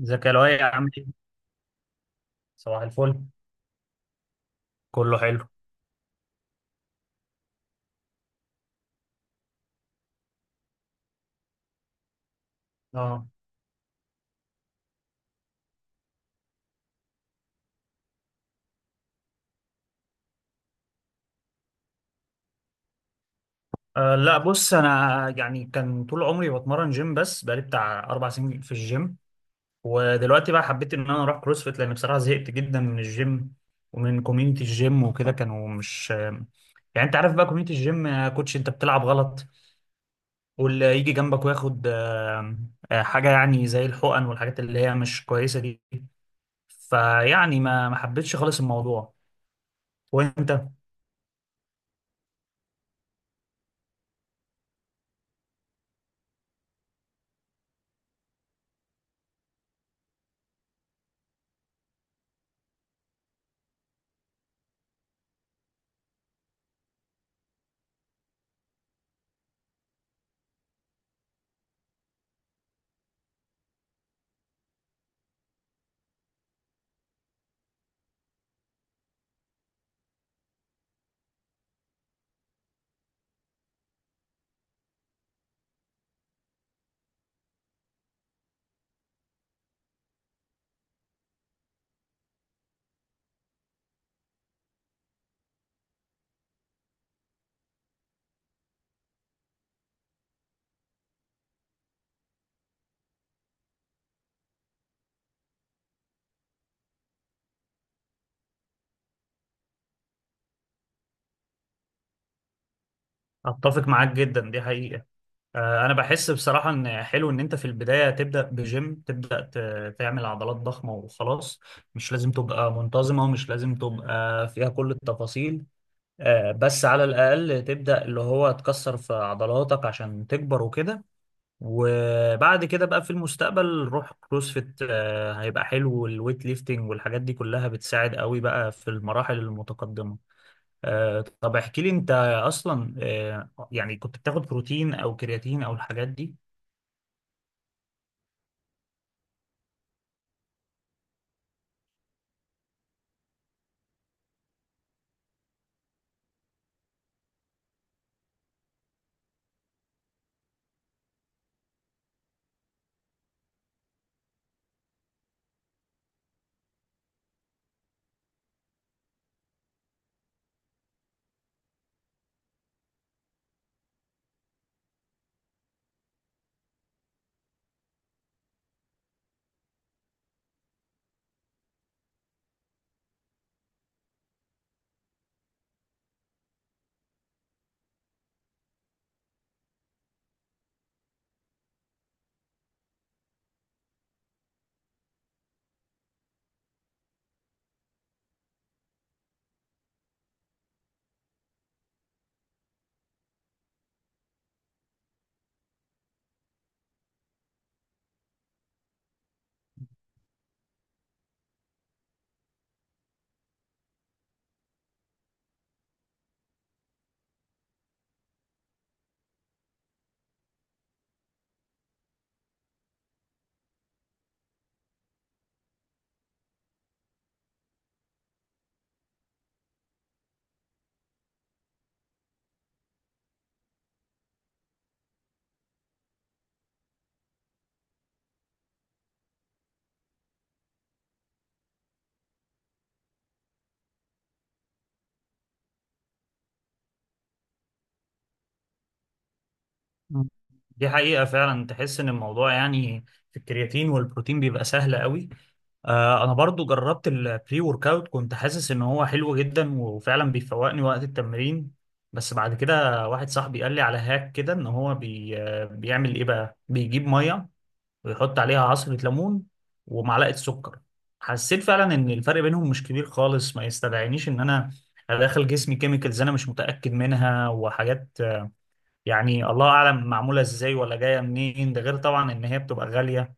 ازيك يا لؤي عامل ايه؟ صباح الفل. كله حلو. اه. لا بص انا يعني كان طول عمري بتمرن جيم، بس بقالي بتاع 4 سنين في الجيم. ودلوقتي بقى حبيت ان انا اروح كروسفيت لان بصراحه زهقت جدا من الجيم ومن كوميونتي الجيم وكده. كانوا مش يعني انت عارف بقى كوميونتي الجيم، كوتش انت بتلعب غلط واللي يجي جنبك وياخد حاجه يعني زي الحقن والحاجات اللي هي مش كويسه دي. فيعني ما حبيتش خالص الموضوع. وانت؟ اتفق معاك جدا، دي حقيقه. انا بحس بصراحه ان حلو ان انت في البدايه تبدا بجيم، تبدا تعمل عضلات ضخمه وخلاص. مش لازم تبقى منتظمه ومش لازم تبقى فيها كل التفاصيل، بس على الاقل تبدا اللي هو تكسر في عضلاتك عشان تكبر وكده. وبعد كده بقى في المستقبل روح كروسفيت، هيبقى حلو. والويت ليفتنج والحاجات دي كلها بتساعد قوي بقى في المراحل المتقدمه. طب احكي لي انت اصلا، يعني كنت بتاخد بروتين او كرياتين او الحاجات دي؟ مم. دي حقيقة فعلا، تحس ان الموضوع يعني في الكرياتين والبروتين بيبقى سهل قوي. انا برضو جربت البري ورك اوت، كنت حاسس ان هو حلو جدا وفعلا بيفوقني وقت التمرين. بس بعد كده واحد صاحبي قال لي على هاك كده، ان هو بي آه، بيعمل ايه بقى، بيجيب مية ويحط عليها عصرة ليمون ومعلقة سكر. حسيت فعلا ان الفرق بينهم مش كبير خالص، ما يستدعينيش ان انا ادخل جسمي كيميكلز انا مش متأكد منها وحاجات. يعني الله اعلم معموله ازاي ولا جايه منين، ده غير طبعا ان هي بتبقى غاليه.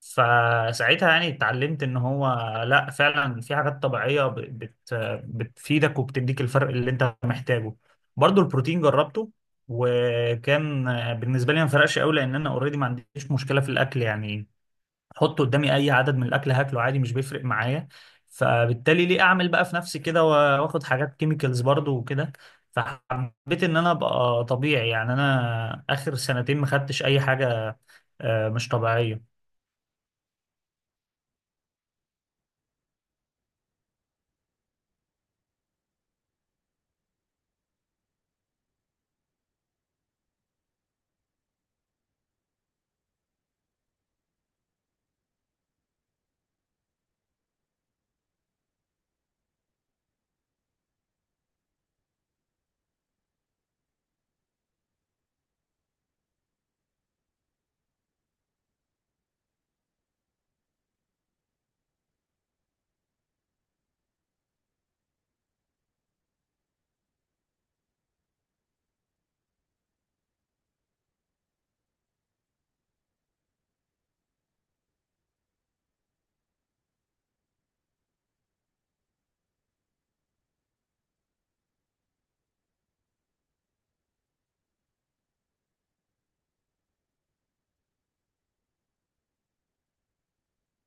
فساعتها يعني اتعلمت ان هو لا، فعلا في حاجات طبيعيه ب- بت بتفيدك وبتديك الفرق اللي انت محتاجه. برضو البروتين جربته، وكان بالنسبه لي ما فرقش قوي، لان انا اوريدي ما عنديش مشكله في الاكل يعني. حط قدامي اي عدد من الاكل هاكله عادي، مش بيفرق معايا. فبالتالي ليه اعمل بقى في نفسي كده واخد حاجات كيميكالز برضو وكده. فحبيت ان انا ابقى طبيعي، يعني انا اخر 2 سنين ما خدتش اي حاجه مش طبيعيه.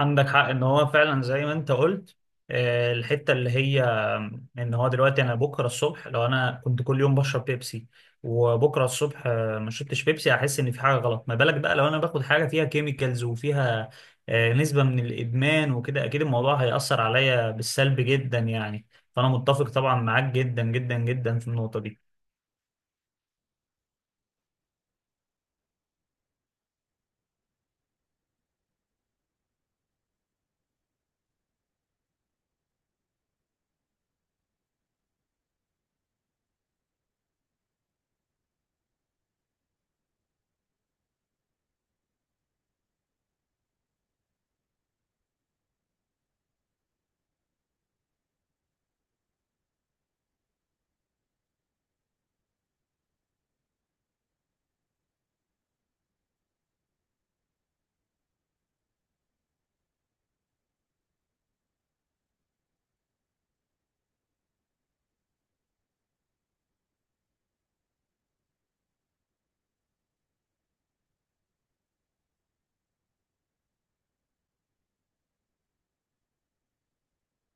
عندك حق ان هو فعلا زي ما انت قلت، الحته اللي هي ان هو دلوقتي انا بكره الصبح لو انا كنت كل يوم بشرب بيبسي، وبكره الصبح ما شربتش بيبسي هحس ان في حاجه غلط. ما بالك بقى لو انا باخد حاجه فيها كيميكالز وفيها نسبه من الادمان وكده، اكيد الموضوع هيأثر عليا بالسلب جدا يعني. فانا متفق طبعا معاك جدا جدا جدا في النقطه دي.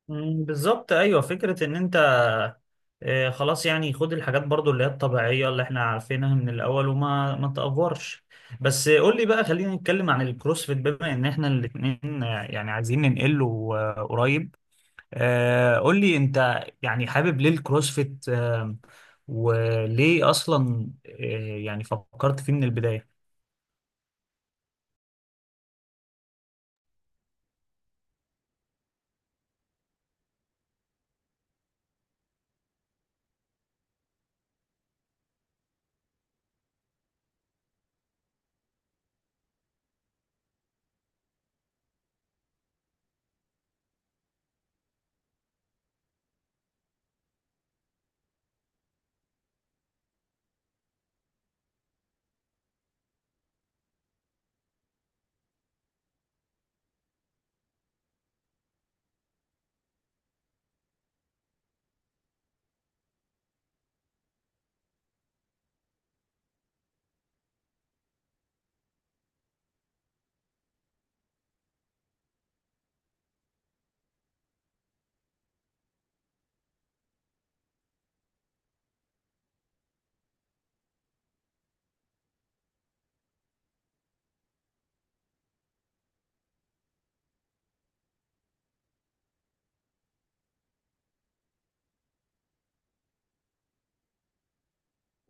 مم، بالظبط. ايوه فكره، ان انت خلاص يعني خد الحاجات برضو اللي هي الطبيعية اللي احنا عارفينها من الأول، وما ما تأفورش. بس قول لي بقى، خلينا نتكلم عن الكروسفيت بما ان احنا الاتنين يعني عايزين ننقله قريب. قول لي انت يعني حابب ليه الكروسفيت، وليه اصلا يعني فكرت فيه من البداية؟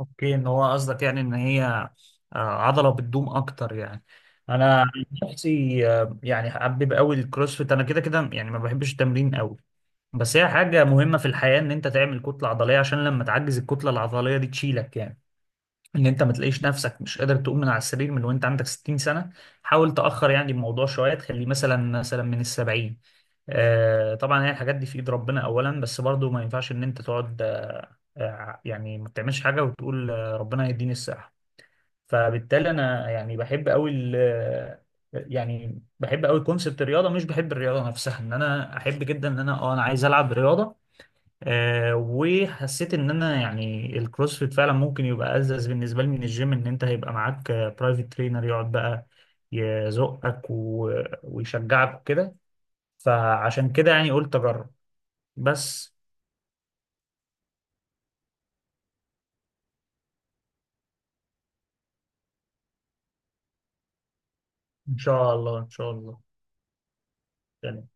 اوكي، ان هو قصدك يعني ان هي عضلة بتدوم اكتر يعني. انا عن نفسي يعني حابب قوي الكروسفيت، انا كده كده يعني ما بحبش التمرين قوي. بس هي حاجة مهمة في الحياة ان انت تعمل كتلة عضلية، عشان لما تعجز الكتلة العضلية دي تشيلك يعني. ان انت ما تلاقيش نفسك مش قادر تقوم من على السرير من وانت عندك 60 سنة. حاول تأخر يعني الموضوع شوية، تخليه مثلا من الـ70. طبعا هي الحاجات دي في ايد ربنا اولا، بس برضو ما ينفعش ان انت تقعد يعني ما بتعملش حاجة وتقول ربنا هيديني الصحة. فبالتالي انا يعني بحب قوي يعني بحب قوي كونسبت الرياضة، مش بحب الرياضة نفسها. ان انا احب جدا ان انا عايز العب رياضة. وحسيت ان انا يعني الكروسفيت فعلا ممكن يبقى ألذذ بالنسبه لي من الجيم. ان انت هيبقى معاك برايفت ترينر يقعد بقى يزقك ويشجعك وكده. فعشان كده يعني قلت اجرب بس. ان شاء الله ان شاء الله. يعني